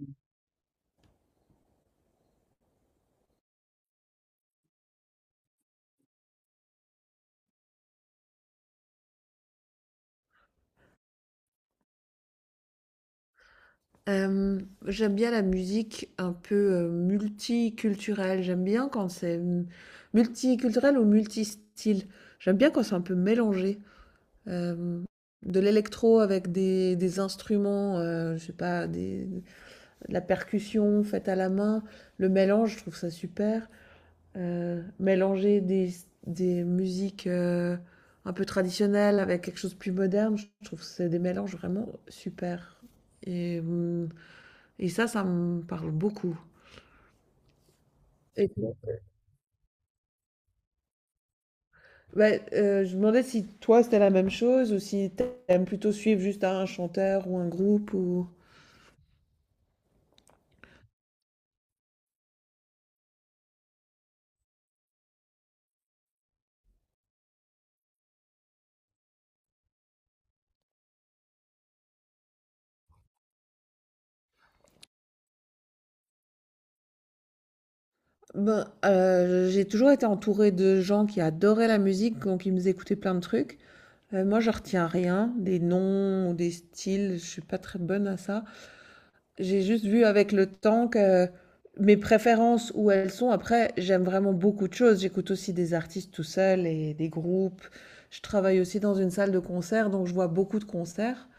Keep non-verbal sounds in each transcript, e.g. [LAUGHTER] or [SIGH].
Mmh. J'aime bien la musique un peu multiculturelle. J'aime bien quand c'est multiculturel ou multistyle. J'aime bien quand c'est un peu mélangé. Euh, de l'électro avec des instruments, je sais pas, de la percussion faite à la main. Le mélange, je trouve ça super. Mélanger des musiques, un peu traditionnelles avec quelque chose de plus moderne, je trouve que c'est des mélanges vraiment super et et ça me parle beaucoup et toi? Je me demandais si toi, c'était la même chose ou si t'aimes plutôt suivre juste un chanteur ou un groupe ou? J'ai toujours été entourée de gens qui adoraient la musique, donc ils me faisaient écouter plein de trucs. Moi, je retiens rien, des noms ou des styles, je suis pas très bonne à ça. J'ai juste vu avec le temps que mes préférences où elles sont. Après, j'aime vraiment beaucoup de choses. J'écoute aussi des artistes tout seul et des groupes. Je travaille aussi dans une salle de concert, donc je vois beaucoup de concerts.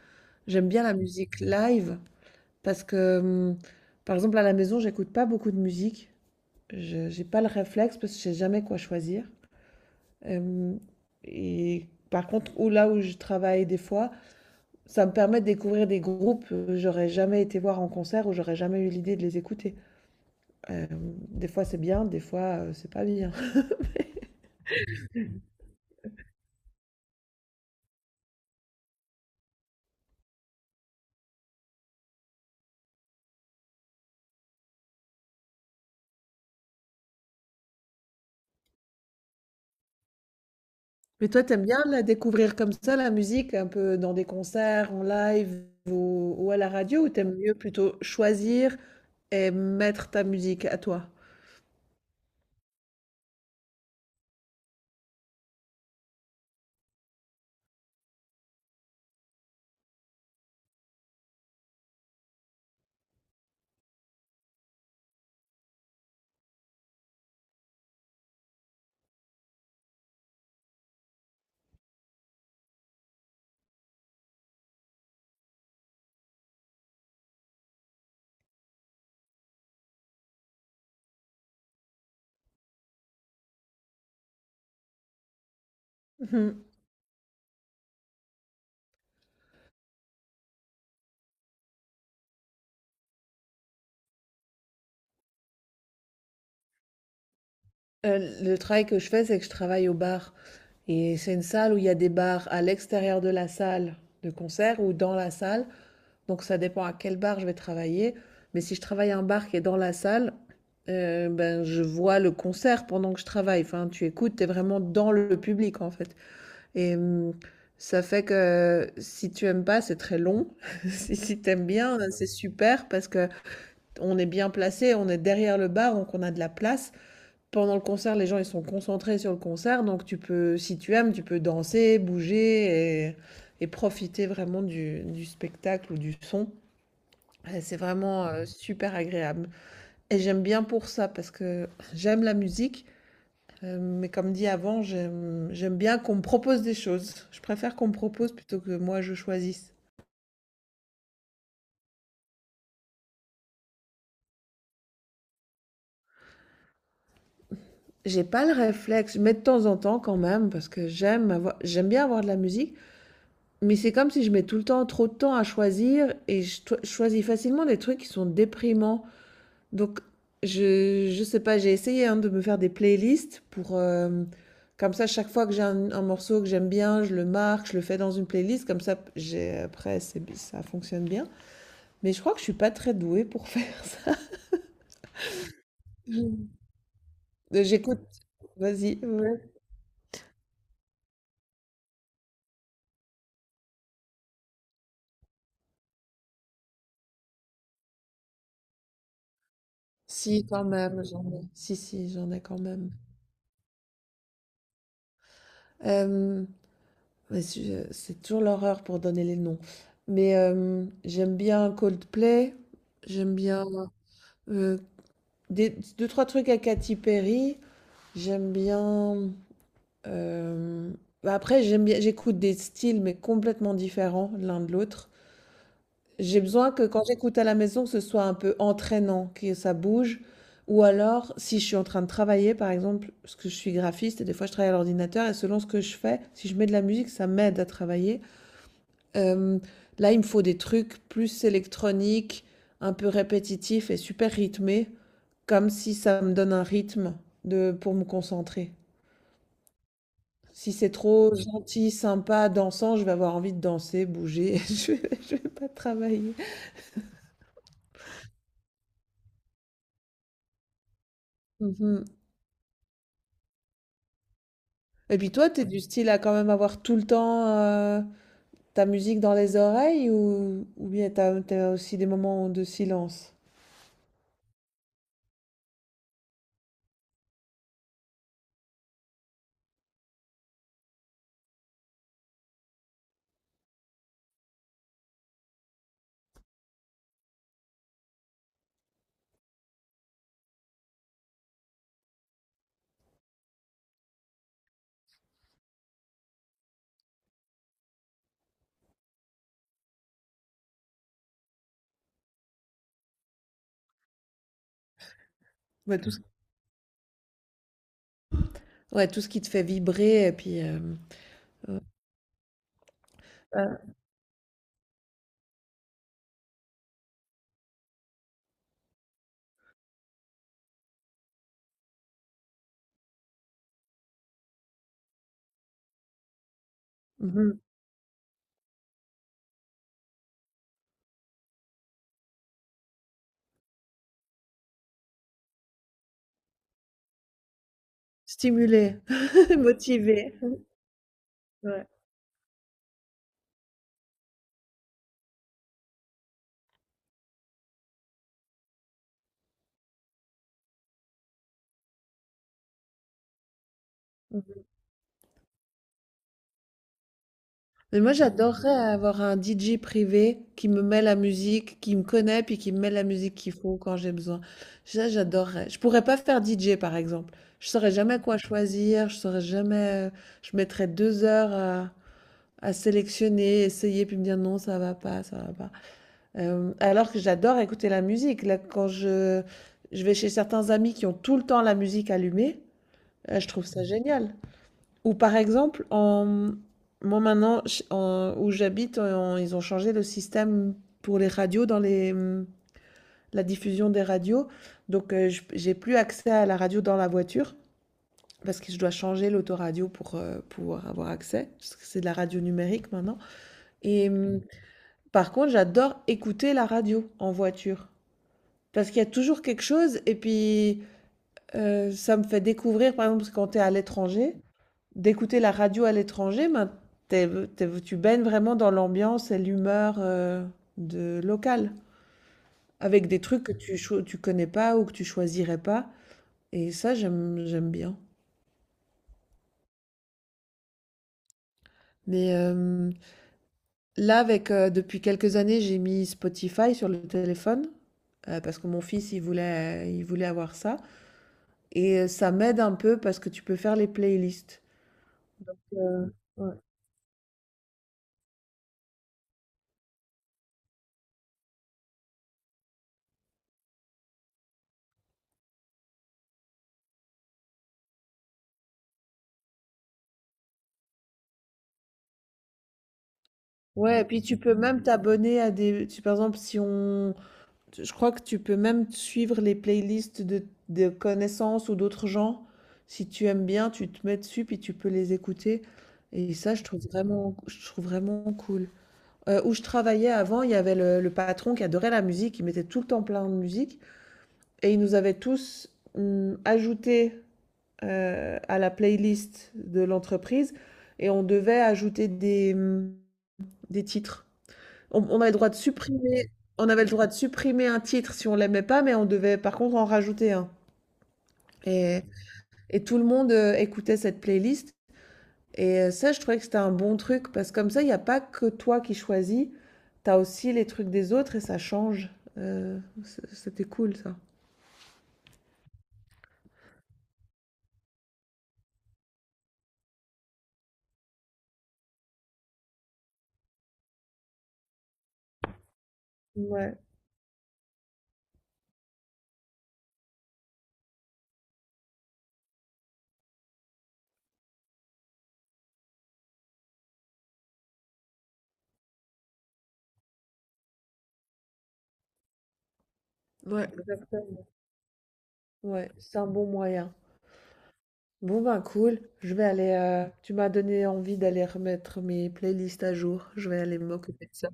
J'aime bien la musique live parce que, par exemple, à la maison, j'écoute pas beaucoup de musique. Je J'ai pas le réflexe parce que je sais jamais quoi choisir. Hum, et par contre, où là où je travaille des fois, ça me permet de découvrir des groupes que j'aurais jamais été voir en concert ou j'aurais jamais eu l'idée de les écouter. Des fois c'est bien, des fois, c'est pas bien. [LAUGHS] Mais toi, t'aimes bien la découvrir comme ça la musique, un peu dans des concerts, en live ou à la radio? Ou t'aimes mieux plutôt choisir et mettre ta musique à toi? Mmh mh. Le travail que je fais, c'est que je travaille au bar et c'est une salle où il y a des bars à l'extérieur de la salle de concert ou dans la salle. Donc ça dépend à quel bar je vais travailler. Mais si je travaille un bar qui est dans la salle, ben, je vois le concert pendant que je travaille. Enfin, tu écoutes, tu es vraiment dans le public en fait. Et ça fait que si tu aimes pas, c'est très long. [LAUGHS] Si tu aimes bien, c'est super parce que on est bien placé, on est derrière le bar, donc on a de la place. Pendant le concert, les gens ils sont concentrés sur le concert, donc tu peux, si tu aimes, tu peux danser, bouger et profiter vraiment du spectacle ou du son. Ouais, c'est vraiment, super agréable et j'aime bien pour ça parce que j'aime la musique, mais comme dit avant, j'aime bien qu'on me propose des choses. Je préfère qu'on me propose plutôt que moi je choisisse. J'ai pas le réflexe, mais de temps en temps quand même parce que j'aime bien avoir de la musique, mais c'est comme si je mets tout le temps trop de temps à choisir et je toi je choisis facilement des trucs qui sont déprimants. Donc, je sais pas, j'ai essayé hein, de me faire des playlists pour, comme ça, chaque fois que j'ai un morceau que j'aime bien, je le marque, je le fais dans une playlist. Comme ça, j'ai, après, ça fonctionne bien. Mais je crois que je suis pas très douée pour [LAUGHS] faire ça. Je- J'écoute, vas-y. Ouais. Si, quand même, j'en ai. Si, si, j'en ai quand même. Euh, mais c'est toujours l'horreur pour donner les noms. Mais j'aime bien Coldplay. J'aime bien euh, Des, 2, 3 trucs à Katy Perry. J'aime bien. euh, Après, j'aime bien, j'écoute des styles, mais complètement différents l'un de l'autre. J'ai besoin que quand j'écoute à la maison, que ce soit un peu entraînant, que ça bouge. Ou alors, si je suis en train de travailler, par exemple, parce que je suis graphiste et des fois je travaille à l'ordinateur, et selon ce que je fais, si je mets de la musique, ça m'aide à travailler. Euh, Là, il me faut des trucs plus électroniques, un peu répétitifs et super rythmés. Comme si ça me donne un rythme de pour me concentrer. Si c'est trop Oui. gentil, sympa, dansant, je vais avoir envie de danser, bouger, [LAUGHS] je vais pas travailler. Mhm. Et puis toi, t'es Oui. du style à quand même avoir tout le temps ta musique dans les oreilles ou bien t'as aussi des moments de silence? Ouais, ouais, tout ce qui te fait vibrer et puis euh, euh, mhm. Stimuler, [LAUGHS] motiver. Ouais. Mais moi, j'adorerais avoir un DJ privé qui me met la musique, qui me connaît, puis qui me met la musique qu'il faut quand j'ai besoin. Ça, j'adorerais. Je pourrais pas faire DJ, par exemple. Je saurais jamais quoi choisir, je saurais jamais... Je mettrais 2 heures à sélectionner, essayer, puis me dire non, ça va pas, ça va pas. Alors que j'adore écouter la musique. Là, je vais chez certains amis qui ont tout le temps la musique allumée, je trouve ça génial. Ou par exemple, en... moi maintenant, où j'habite, ils ont changé le système pour les radios, la diffusion des radios. Donc, j'ai plus accès à la radio dans la voiture parce que je dois changer l'autoradio pour pouvoir avoir accès, parce que c'est de la radio numérique maintenant. Et par contre, j'adore écouter la radio en voiture. Parce qu'il y a toujours quelque chose, et puis ça me fait découvrir, par exemple, parce que quand tu es à l'étranger, d'écouter la radio à l'étranger, ben, t'es- tu baignes vraiment dans l'ambiance et l'humeur de locale, avec des trucs que tu connais pas ou que tu choisirais pas. Et ça, j'aime bien. Mais là, depuis quelques années, j'ai mis Spotify sur le téléphone. Parce que mon fils, il voulait avoir ça. Et ça m'aide un peu parce que tu peux faire les playlists. Euh, ouais. Ouais, et puis tu peux même t'abonner à des... par exemple, si on, je crois que tu peux même suivre les playlists de connaissances ou d'autres gens. Si tu aimes bien, tu te mets dessus puis tu peux les écouter. Et ça, je trouve vraiment cool. Où je travaillais avant, il y avait le patron qui adorait la musique, il mettait tout le temps plein de musique. Et il nous avait tous ajouté à la playlist de l'entreprise. Et on devait ajouter des titres. On avait le droit de supprimer on avait le droit de supprimer un titre si on l'aimait pas, mais on devait par contre en rajouter un. Et, et tout le monde écoutait cette playlist. Et ça, je trouvais que c'était un bon truc, parce que comme ça, il n'y a pas que toi qui choisis, t'as aussi les trucs des autres et ça change. C'était cool ça. Ouais, Ouais. Exactement. Ouais, c'est un bon moyen. Bon ben cool, je vais aller... tu m'as donné envie d'aller remettre mes playlists à jour. Je vais aller m'occuper de ça.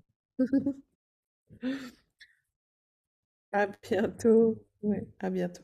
À bientôt. Ouais, à bientôt.